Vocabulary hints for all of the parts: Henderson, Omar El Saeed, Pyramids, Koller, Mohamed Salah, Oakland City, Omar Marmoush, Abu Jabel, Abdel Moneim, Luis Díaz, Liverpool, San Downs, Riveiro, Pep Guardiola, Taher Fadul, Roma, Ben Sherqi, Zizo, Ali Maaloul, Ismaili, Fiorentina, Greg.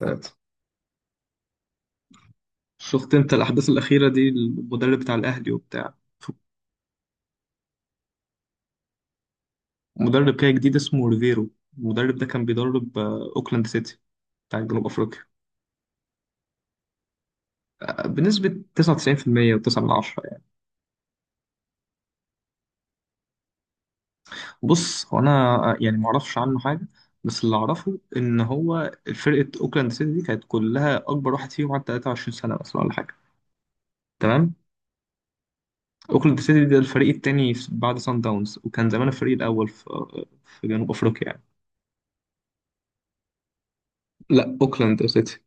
ثلاثة. شفت انت الأحداث الأخيرة دي، المدرب بتاع الأهلي وبتاع مدرب كده جديد اسمه ريفيرو. المدرب ده كان بيدرب أوكلاند سيتي بتاع جنوب أفريقيا. بنسبة 99% و9 من 10 يعني. بص، هو أنا يعني معرفش عنه حاجة، بس اللي أعرفه إن هو فرقة أوكلاند سيتي دي كانت كلها أكبر واحد فيهم عنده 23 سنة مثلا ولا حاجة. تمام. أوكلاند سيتي ده الفريق التاني بعد سان داونز، وكان زمان الفريق الأول في في جنوب أفريقيا يعني. لا، أوكلاند سيتي.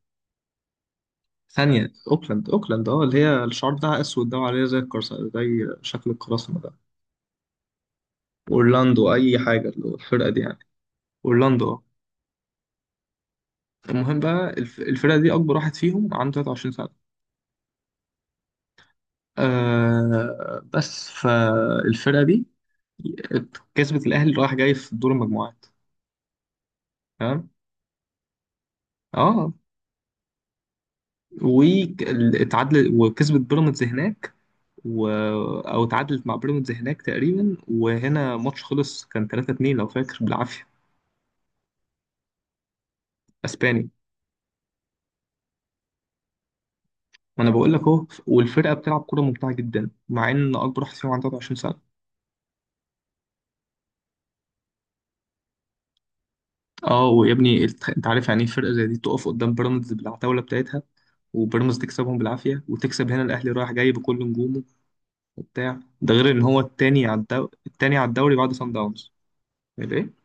ثانية، اوكلاند اه، اللي هي الشعار بتاعها اسود ده وعليه زي الكرس، زي شكل القراصنة ده. اورلاندو اي حاجة، اللي هو الفرقة دي يعني. اورلاندو اه. المهم بقى الفرقة دي اكبر واحد فيهم عنده 23 سنة. آه بس فالفرقة دي كسبت الاهلي رايح جاي في دور المجموعات. تمام. اه، واتعادل وكسبت بيراميدز هناك و... او اتعادلت مع بيراميدز هناك تقريبا، وهنا ماتش خلص كان 3-2 لو فاكر بالعافية. اسبانيا. ما انا بقول لك اهو، والفرقه بتلعب كوره ممتعه جدا مع ان اكبر واحد فيهم عنده 23 سنه. اه، ويا ابني انت عارف يعني ايه فرقه زي دي تقف قدام بيراميدز بالعتاوله بتاعتها، وبيراميدز تكسبهم بالعافيه، وتكسب هنا الاهلي رايح جاي بكل نجومه وبتاع ده، غير ان هو التاني على التاني على الدوري بعد سان داونز. ليه؟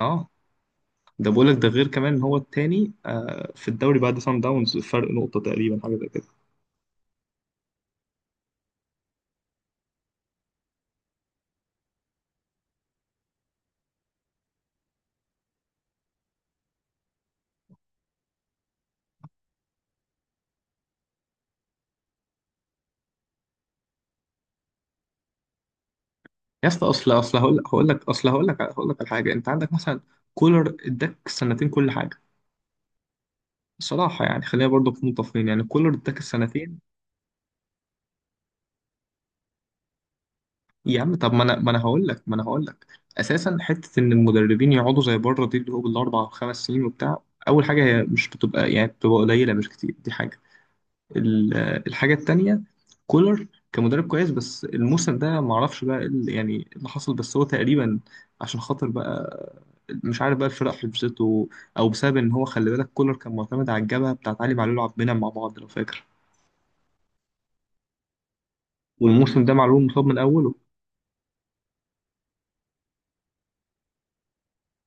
اه، ده بقول لك ده غير كمان ان هو التاني في الدوري بعد سان داونز، فرق نقطه تقريبا، حاجه زي كده. يا اسطى، اصل هقول لك هقول لك على حاجه. انت عندك مثلا كولر اداك سنتين كل حاجه. بصراحة يعني خلينا برضو نكون متفقين، يعني كولر اداك السنتين. يا عم، طب ما انا هقول لك، اساسا حتة ان المدربين يقعدوا زي بره دي اللي هو بالاربع وخمس سنين وبتاع، اول حاجة، هي مش بتبقى يعني، بتبقى قليلة مش كتير دي حاجة. ال- الحاجة التانية، كولر كمدرب كويس، بس الموسم ده ما اعرفش بقى إيه يعني إيه اللي حصل. بس هو تقريبا عشان خاطر بقى، مش عارف بقى الفرق حبسته، او بسبب ان هو، خلي بالك، كولر كان معتمد على الجبهة بتاعت علي معلول وعبد المنعم مع بعض لو فاكر. والموسم ده معلول مصاب من اوله.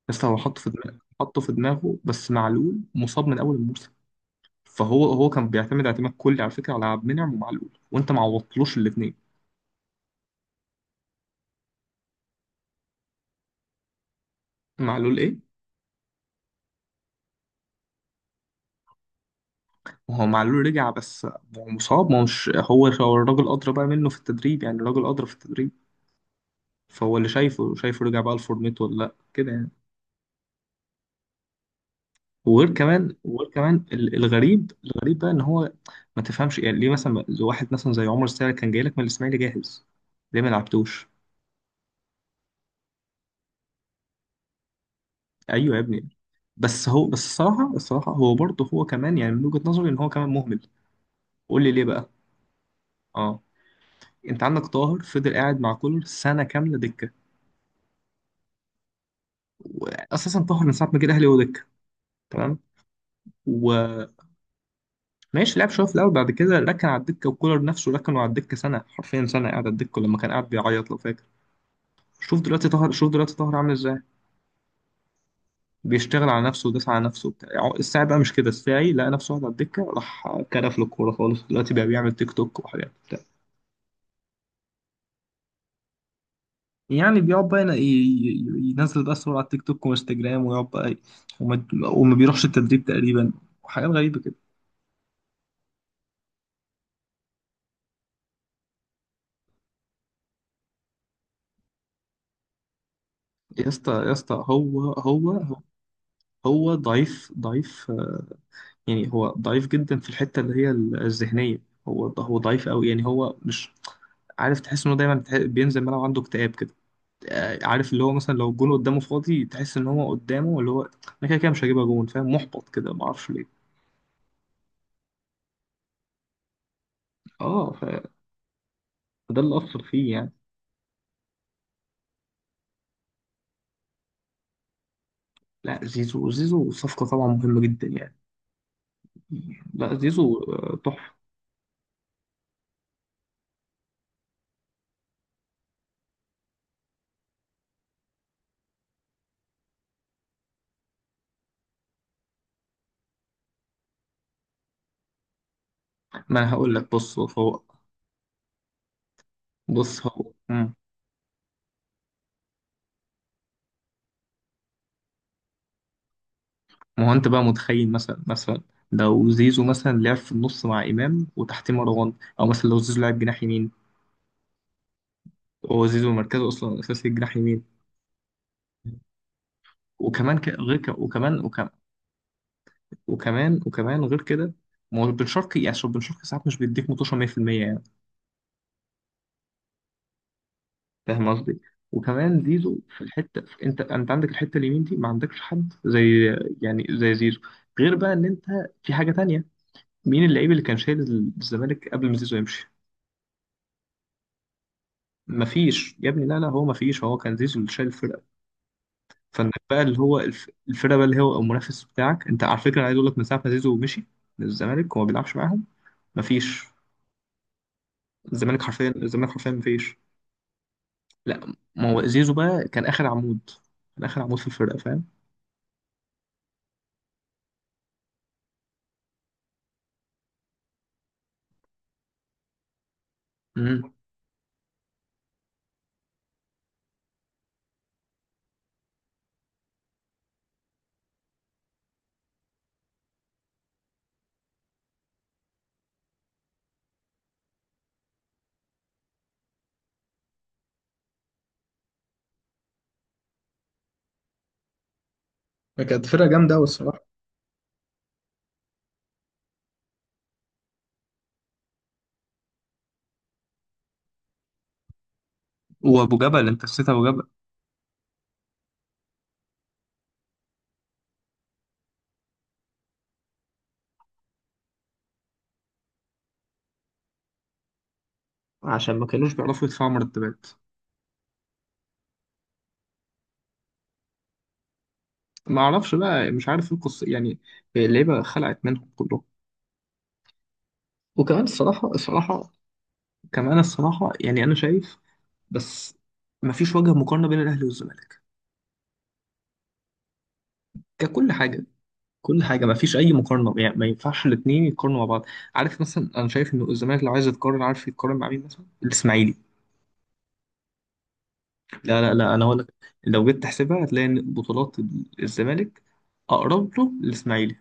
لسه هو حطه في دماغه، حطه في دماغه، بس معلول مصاب من اول الموسم. فهو كان بيعتمد اعتماد كلي على فكره، على عبد المنعم ومعلول، وانت ما عوضتلوش الاثنين. معلول ايه؟ وهو معلول رجع بس. هو مصاب، ما هو مش، هو الراجل ادرى بقى منه في التدريب، يعني الراجل ادرى في التدريب. فهو اللي شايفه، شايفه رجع بقى لفورمته ولا لا كده يعني. وغير كمان، وغير كمان، الغريب، الغريب بقى ان هو ما تفهمش يعني ليه مثلا واحد مثلا زي عمر السعد كان جاي لك من الاسماعيلي جاهز، ليه ما لعبتوش؟ ايوه يا ابني، بس هو، بس الصراحه، الصراحه هو برضه هو كمان يعني، من وجهه نظري ان هو كمان مهمل. قول لي ليه بقى. اه، انت عندك طاهر فضل قاعد مع كولر سنه كامله دكه. واساسا طاهر من ساعه ما جه الاهلي هو دكه. تمام. وماشي، لعب شويه في الاول، بعد كده ركن على الدكه، وكولر نفسه ركنه على الدكه سنه، حرفيا سنه قاعد على الدكه، لما كان قاعد بيعيط لو فاكر. شوف دلوقتي طاهر، شوف دلوقتي طاهر عامل ازاي، بيشتغل على نفسه، وداس على نفسه وبتاع. الساعي بقى مش كده، الساعي لقى نفسه قاعد على الدكه، راح كرف له الكوره خالص. دلوقتي بقى بيعمل تيك توك وحاجات. يعني بيقعد بقى ينزل بقى صور على التيك توك وانستجرام، ويقعد بقى وما, وما بيروحش التدريب تقريبا، وحاجات غريبة كده. يا اسطى، يا اسطى، هو ضعيف، ضعيف، يعني هو ضعيف جدا في الحتة اللي هي الذهنية. هو ضعيف قوي، يعني هو مش عارف، تحس انه دايما بينزل الملعب عنده اكتئاب كده. عارف اللي هو مثلا لو الجون قدامه فاضي تحس ان هو قدامه اللي هو، انا كده كده مش هجيبها جون، فاهم؟ محبط كده ما اعرفش ليه. اه، فده اللي اثر فيه يعني. لا، زيزو، زيزو صفقة طبعا مهمة جدا يعني. لا، زيزو تحفة. ما أنا هقول لك، بص هو مم. ما هو أنت بقى متخيل مثلا، لو زيزو مثلا لعب في النص مع إمام وتحتيه مروان، أو مثلا لو زيزو لعب جناح يمين. هو زيزو مركزه أصلا أساسي جناح يمين. غير ك... وكمان غير كده. ما هو بن شرقي يعني، عشان بن شرقي ساعات مش بيديك متوشة 100% يعني. فاهم قصدي؟ وكمان زيزو في الحته، في، انت عندك الحته اليمين دي ما عندكش حد زي، يعني زي زيزو. غير بقى ان انت في حاجه تانية، مين اللعيب اللي كان شايل الزمالك قبل ما زيزو يمشي؟ مفيش يا ابني، لا لا، هو مفيش، هو كان زيزو اللي شايل الفرقه. فانك بقى اللي هو الفرقه بقى اللي هو المنافس بتاعك، انت على فكره أنا عايز اقول لك من ساعه ما زيزو مشي من الزمالك وما بيلعبش معاهم، مفيش. الزمالك حرفيا، الزمالك حرفيا مفيش. لا، ما هو زيزو بقى كان اخر عمود، كان اخر عمود في الفرقه، فاهم؟ مم. كانت فرقة جامدة أوي الصراحة. وابو جبل، انت نسيت ابو جبل. عشان ما كانوش بيعرفوا يدفعوا مرتبات. ما اعرفش بقى، مش عارف ايه القصه يعني، اللعيبه خلعت منهم كلهم. وكمان الصراحه، الصراحه كمان الصراحه، يعني انا شايف، بس ما فيش وجه مقارنه بين الاهلي والزمالك ككل حاجه، كل حاجه ما فيش اي مقارنه، يعني ما ينفعش الاثنين يتقارنوا مع بعض. عارف مثلا، انا شايف ان الزمالك لو عايز يتقارن، عارف يتقارن مع مين؟ مثلا الاسماعيلي. لا لا لا، انا هقول لك. لو جيت تحسبها هتلاقي ان بطولات الزمالك اقرب له للاسماعيلي،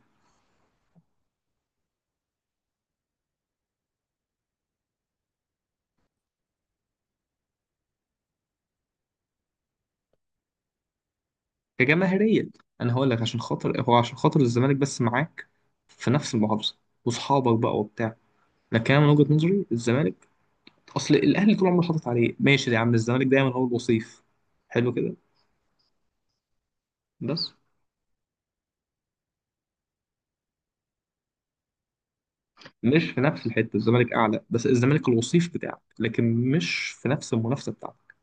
كجماهيرية. أنا هقول لك، عشان خاطر الزمالك بس معاك في نفس المحافظة، وصحابك بقى وبتاع، لكن أنا من وجهة نظري الزمالك، أصل الأهلي طول عمره حاطط عليه، ماشي يا عم، الزمالك دايما هو الوصيف. حلو كده، بس. مش في نفس الحتة، الزمالك أعلى، بس الزمالك الوصيف بتاعك لكن مش في نفس المنافسة بتاعتك.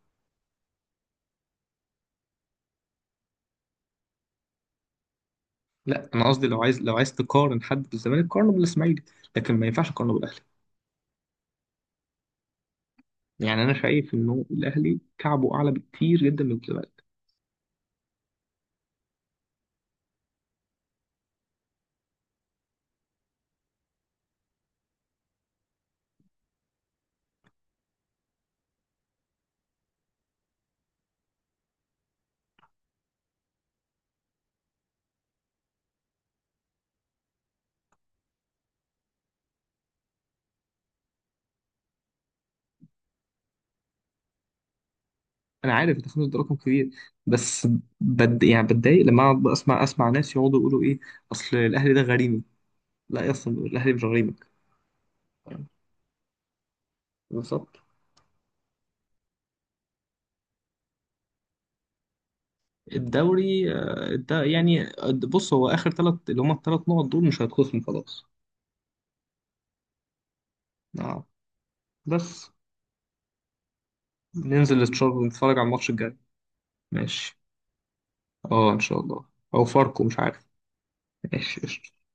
لا، أنا قصدي لو عايز تقارن حد بالزمالك قارنه بالإسماعيلي، لكن ما ينفعش تقارنه بالأهلي. يعني أنا شايف إنه الأهلي كعبه أعلى بكتير جدا من الزمالك. انا عارف التخلف ده رقم كبير، بس بد يعني، بتضايق لما اقعد بقى اسمع ناس يقعدوا يقولوا ايه، اصل الاهلي ده غريمي. لا يا، اصلا الاهلي مش غريمك، يعني بالظبط. الدوري ده يعني بص هو اخر ثلاث، اللي هم الثلاث نقط دول، مش هيتخصموا خلاص. نعم، بس. ننزل نتفرج على الماتش الجاي. ماشي، اه ان شاء الله، او فاركو مش عارف. ماشي قشطة.